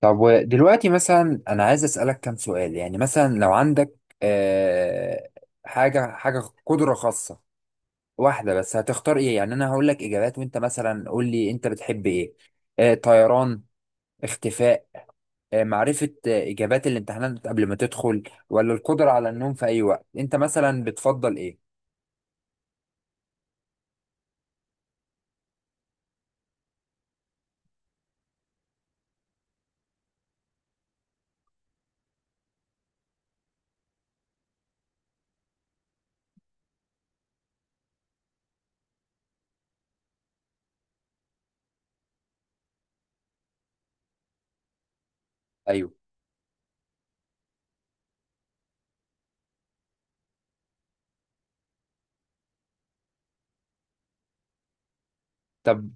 طب ودلوقتي مثلا انا عايز اسالك كام سؤال، يعني مثلا لو عندك آه حاجه قدره خاصه واحده بس هتختار ايه؟ يعني انا هقول لك اجابات وانت مثلا قول لي انت بتحب ايه. طيران، اختفاء، معرفه اجابات الامتحانات قبل ما تدخل، ولا القدره على النوم في اي وقت، انت مثلا بتفضل ايه؟ ايوه. طب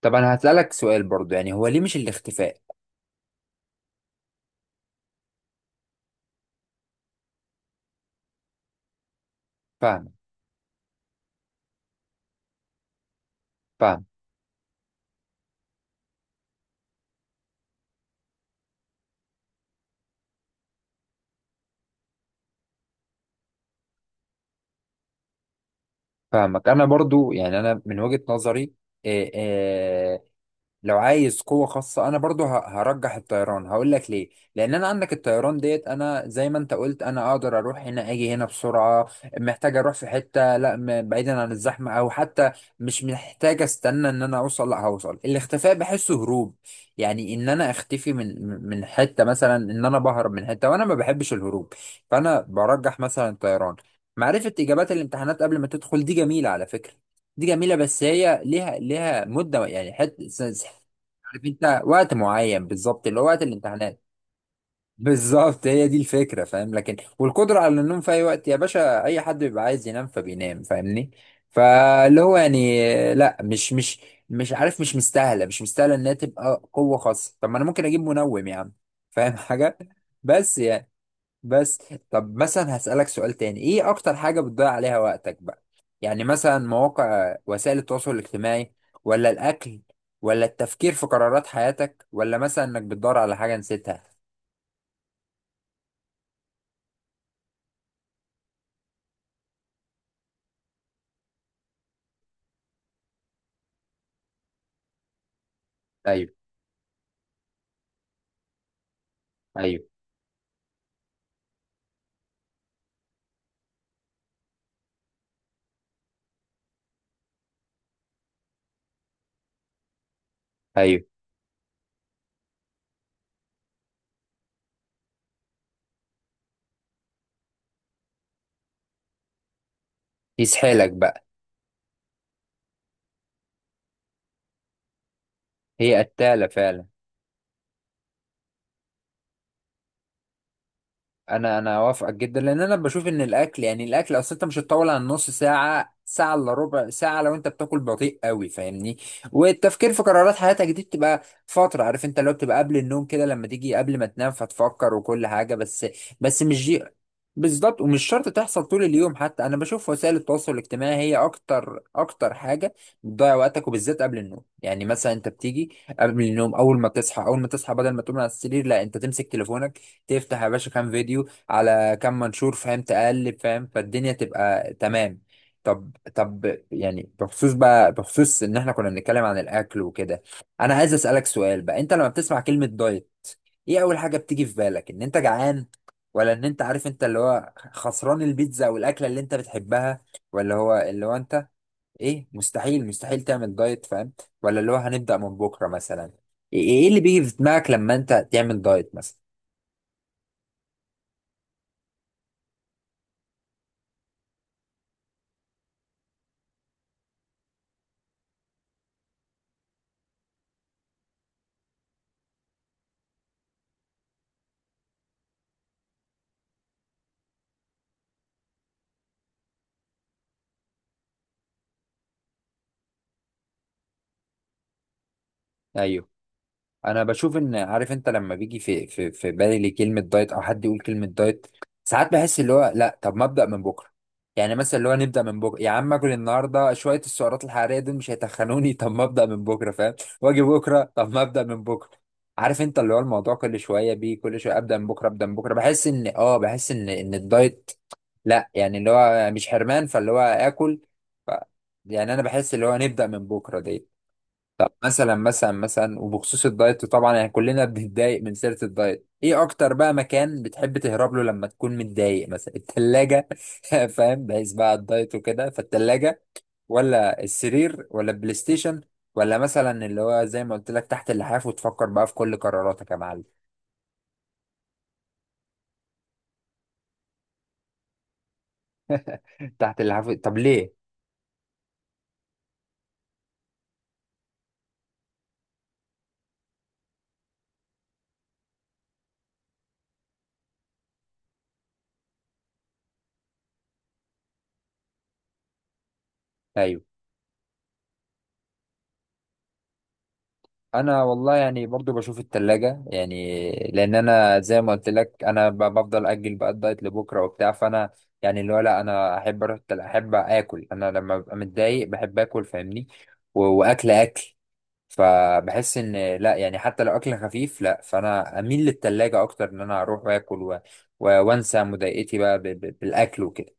طب انا هسالك سؤال برضو، يعني هو ليه مش الاختفاء؟ فاهم، فاهم، فاهمك. انا برضو يعني انا من وجهه نظري، آه، آه، لو عايز قوة خاصة أنا برضو هرجح الطيران. هقول لك ليه، لأن أنا عندك الطيران ديت، أنا زي ما أنت قلت أنا أقدر أروح هنا أجي هنا بسرعة، محتاج أروح في حتة لا بعيدا عن الزحمة، أو حتى مش محتاج أستنى إن أنا أوصل، لا هوصل. الاختفاء بحسه هروب، يعني إن أنا أختفي من حتة، مثلا إن أنا بهرب من حتة، وأنا ما بحبش الهروب، فأنا برجح مثلا الطيران. معرفة إجابات الامتحانات قبل ما تدخل دي جميلة على فكرة، دي جميلة، بس هي ليها مدة، يعني حتة عارف انت وقت معين بالظبط، اللي هو وقت الامتحانات. بالظبط هي دي الفكرة فاهم، لكن والقدرة على النوم في أي وقت يا باشا، أي حد بيبقى عايز ينام فبينام فاهمني، فاللي هو يعني لا، مش عارف، مش مستاهلة، مش مستاهلة إنها تبقى قوة خاصة، طب ما أنا ممكن أجيب منوم يا عم فاهم حاجة، بس يعني، بس. طب مثلا هسألك سؤال تاني، ايه اكتر حاجة بتضيع عليها وقتك بقى؟ يعني مثلا مواقع وسائل التواصل الاجتماعي، ولا الاكل، ولا التفكير في قرارات حياتك، ولا مثلا انك بتدور على حاجة نسيتها؟ ايوه، ايوه، ايوه. يسحلك بقى. هي قتالة فعلا. انا اوافقك جدا، لان انا بشوف ان الاكل، يعني الاكل اصل انت مش هتطول عن نص ساعه، ساعه الا ربع ساعه، لو انت بتاكل بطيء قوي فاهمني. والتفكير في قرارات حياتك دي بتبقى فتره عارف انت، لو بتبقى قبل النوم كده، لما تيجي قبل ما تنام فتفكر وكل حاجه، بس مش دي. بالظبط، ومش شرط تحصل طول اليوم، حتى انا بشوف وسائل التواصل الاجتماعي هي اكتر اكتر حاجه بتضيع وقتك، وبالذات قبل النوم، يعني مثلا انت بتيجي قبل النوم، اول ما تصحى بدل ما تقوم على السرير لا انت تمسك تليفونك، تفتح يا باشا كام فيديو على كام منشور فاهم، تقلب فاهم، فالدنيا تبقى تمام. طب يعني بخصوص بقى بخصوص ان احنا كنا بنتكلم عن الاكل وكده، انا عايز اسالك سؤال بقى، انت لما بتسمع كلمه دايت ايه اول حاجه بتيجي في بالك؟ ان انت جعان، ولا ان انت عارف انت اللي هو خسران البيتزا والاكله اللي انت بتحبها، ولا هو اللي هو انت ايه، مستحيل مستحيل تعمل دايت فاهم، ولا اللي هو هنبدا من بكره مثلا؟ إيه اللي بيجي في دماغك لما انت تعمل دايت مثلا؟ ايوه. انا بشوف ان عارف انت، لما بيجي في بالي كلمه دايت او حد يقول كلمه دايت، ساعات بحس اللي هو لا طب ما ابدا من بكره، يعني مثلا اللي هو نبدا من بكره يا عم، اكل النهارده شويه السعرات الحراريه دول مش هيتخنوني طب ما ابدا من بكره فاهم. واجي بكره، طب ما ابدا من بكره، عارف انت اللي هو الموضوع كل شويه بيه، كل شويه ابدا من بكره، ابدا من بكره، بحس ان بحس ان الدايت، لا يعني اللي هو مش حرمان فاللي هو اكل، ف يعني انا بحس اللي هو نبدا من بكره دي. طب مثلا وبخصوص الدايت طبعا، يعني كلنا بنتضايق من سيرة الدايت. ايه اكتر بقى مكان بتحب تهرب له لما تكون متضايق؟ مثلا التلاجة فاهم، بحيث بقى الدايت وكده فالتلاجة، ولا السرير، ولا البلاي ستيشن، ولا مثلا اللي هو زي ما قلت لك تحت اللحاف وتفكر بقى في كل قراراتك يا معلم؟ تحت اللحاف طب ليه؟ ايوه، انا والله يعني برضو بشوف التلاجة، يعني لان انا زي ما قلت لك انا بفضل اجل بقى الدايت لبكره وبتاع، فانا يعني اللي هو لا، انا احب اروح احب اكل، انا لما ببقى متضايق بحب اكل فاهمني، واكل اكل فبحس ان لا يعني حتى لو اكل خفيف لا، فانا اميل للتلاجة اكتر، ان انا اروح واكل وانسى مضايقتي بقى بالاكل وكده.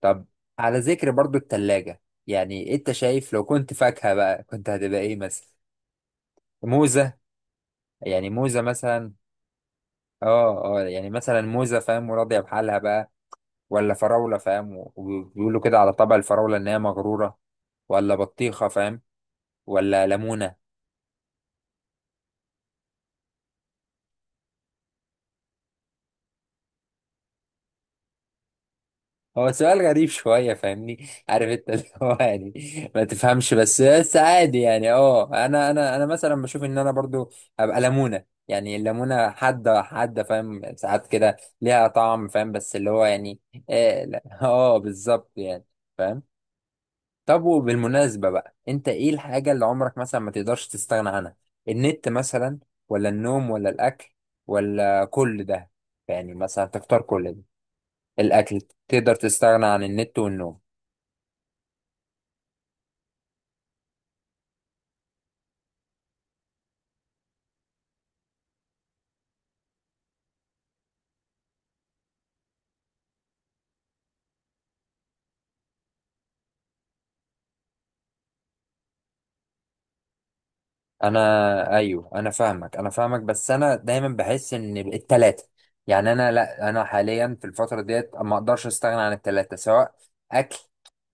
طب على ذكر برضو التلاجة، يعني انت شايف لو كنت فاكهة بقى كنت هتبقى ايه مثلا؟ موزة، يعني موزة مثلا، اه يعني مثلا موزة فاهم وراضية بحالها بقى، ولا فراولة فاهم وبيقولوا كده على طبع الفراولة إن هي مغرورة، ولا بطيخة فاهم، ولا ليمونة؟ هو سؤال غريب شوية فاهمني عارف انت اللي هو يعني ما تفهمش، بس عادي يعني، انا مثلا بشوف ان انا برضو هبقى ليمونة، يعني الليمونة حادة حادة فاهم، ساعات كده ليها طعم فاهم، بس اللي هو يعني اه لا، بالظبط يعني فاهم. طب وبالمناسبة بقى، انت ايه الحاجة اللي عمرك مثلا ما تقدرش تستغنى عنها؟ النت مثلا، ولا النوم، ولا الاكل، ولا كل ده، يعني مثلا تختار كل ده؟ الاكل، تقدر تستغنى عن النت والنوم؟ انا ايوه، انا فاهمك، انا فاهمك، بس انا دايما بحس ان التلاتة، يعني انا لا، انا حاليا في الفتره ديت ما اقدرش استغنى عن التلاتة، سواء اكل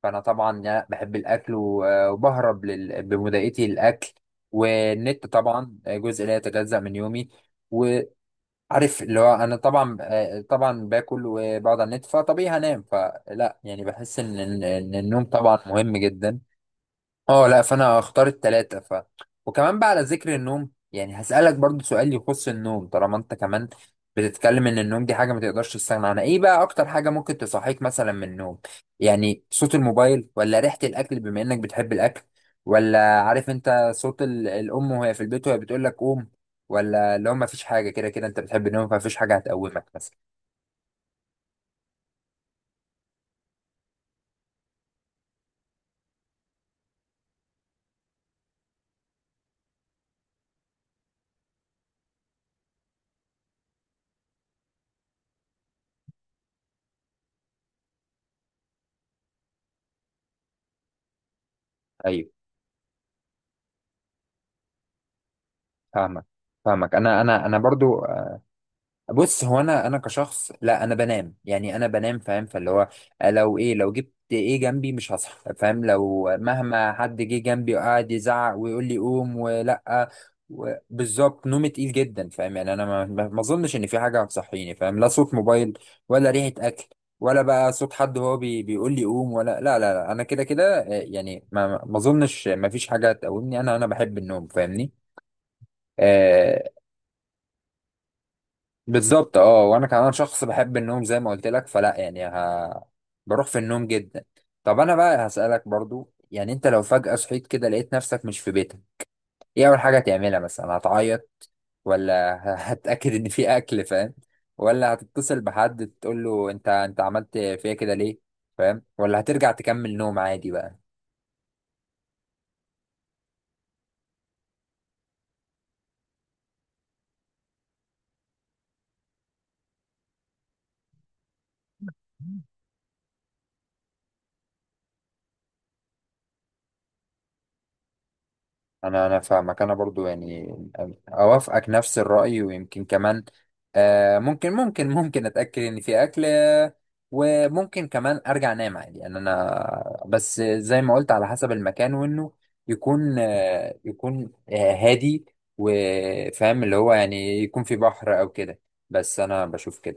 فانا طبعا لا بحب الاكل وبهرب بمضايقتي الاكل، والنت طبعا جزء لا يتجزأ من يومي، وعارف اللي هو انا طبعا، طبعا باكل وبقعد على النت فطبيعي هنام، فلا يعني بحس ان إن النوم طبعا مهم جدا. اه لا فانا هختار التلاتة ف. وكمان بقى على ذكر النوم، يعني هسألك برضو سؤال يخص النوم، طالما انت كمان بتتكلم ان النوم دي حاجة ما تقدرش تستغنى عنها، ايه بقى اكتر حاجة ممكن تصحيك مثلا من النوم؟ يعني صوت الموبايل، ولا ريحة الاكل بما انك بتحب الاكل، ولا عارف انت صوت الام وهي في البيت وهي بتقول لك قوم، ولا اللي هو ما فيش حاجة، كده كده انت بتحب النوم فمفيش حاجة هتقومك مثلا؟ ايوه، فاهمك، فاهمك، انا برضو. بص هو انا كشخص لا انا بنام يعني انا بنام فاهم، فاللي هو لو لو جبت ايه جنبي مش هصحى فاهم، لو مهما حد جه جنبي وقعد يزعق ويقول لي قوم ولا، بالظبط نومي تقيل جدا فاهم، يعني انا ما اظنش ان في حاجه هتصحيني فاهم، لا صوت موبايل، ولا ريحه اكل، ولا بقى صوت حد هو بيقول لي قوم، ولا لا لا لا، انا كده كده يعني ما اظنش ما فيش حاجه تقومني، انا بحب النوم فاهمني. آه، بالظبط، وانا كمان شخص بحب النوم زي ما قلت لك، فلا يعني بروح في النوم جدا. طب انا بقى هسألك برضو، يعني انت لو فجأة صحيت كده لقيت نفسك مش في بيتك، ايه اول حاجة هتعملها مثلا؟ هتعيط، ولا هتأكد ان في اكل فاهم، ولا هتتصل بحد تقول له انت عملت فيا كده ليه فاهم، ولا هترجع تكمل نوم عادي بقى؟ انا فاهمك، انا برضو يعني اوافقك نفس الرأي، ويمكن كمان ممكن اتأكد ان في اكل وممكن كمان ارجع انام عادي، يعني انا بس زي ما قلت على حسب المكان، وانه يكون هادي، وفاهم اللي هو يعني يكون في بحر او كده، بس انا بشوف كده.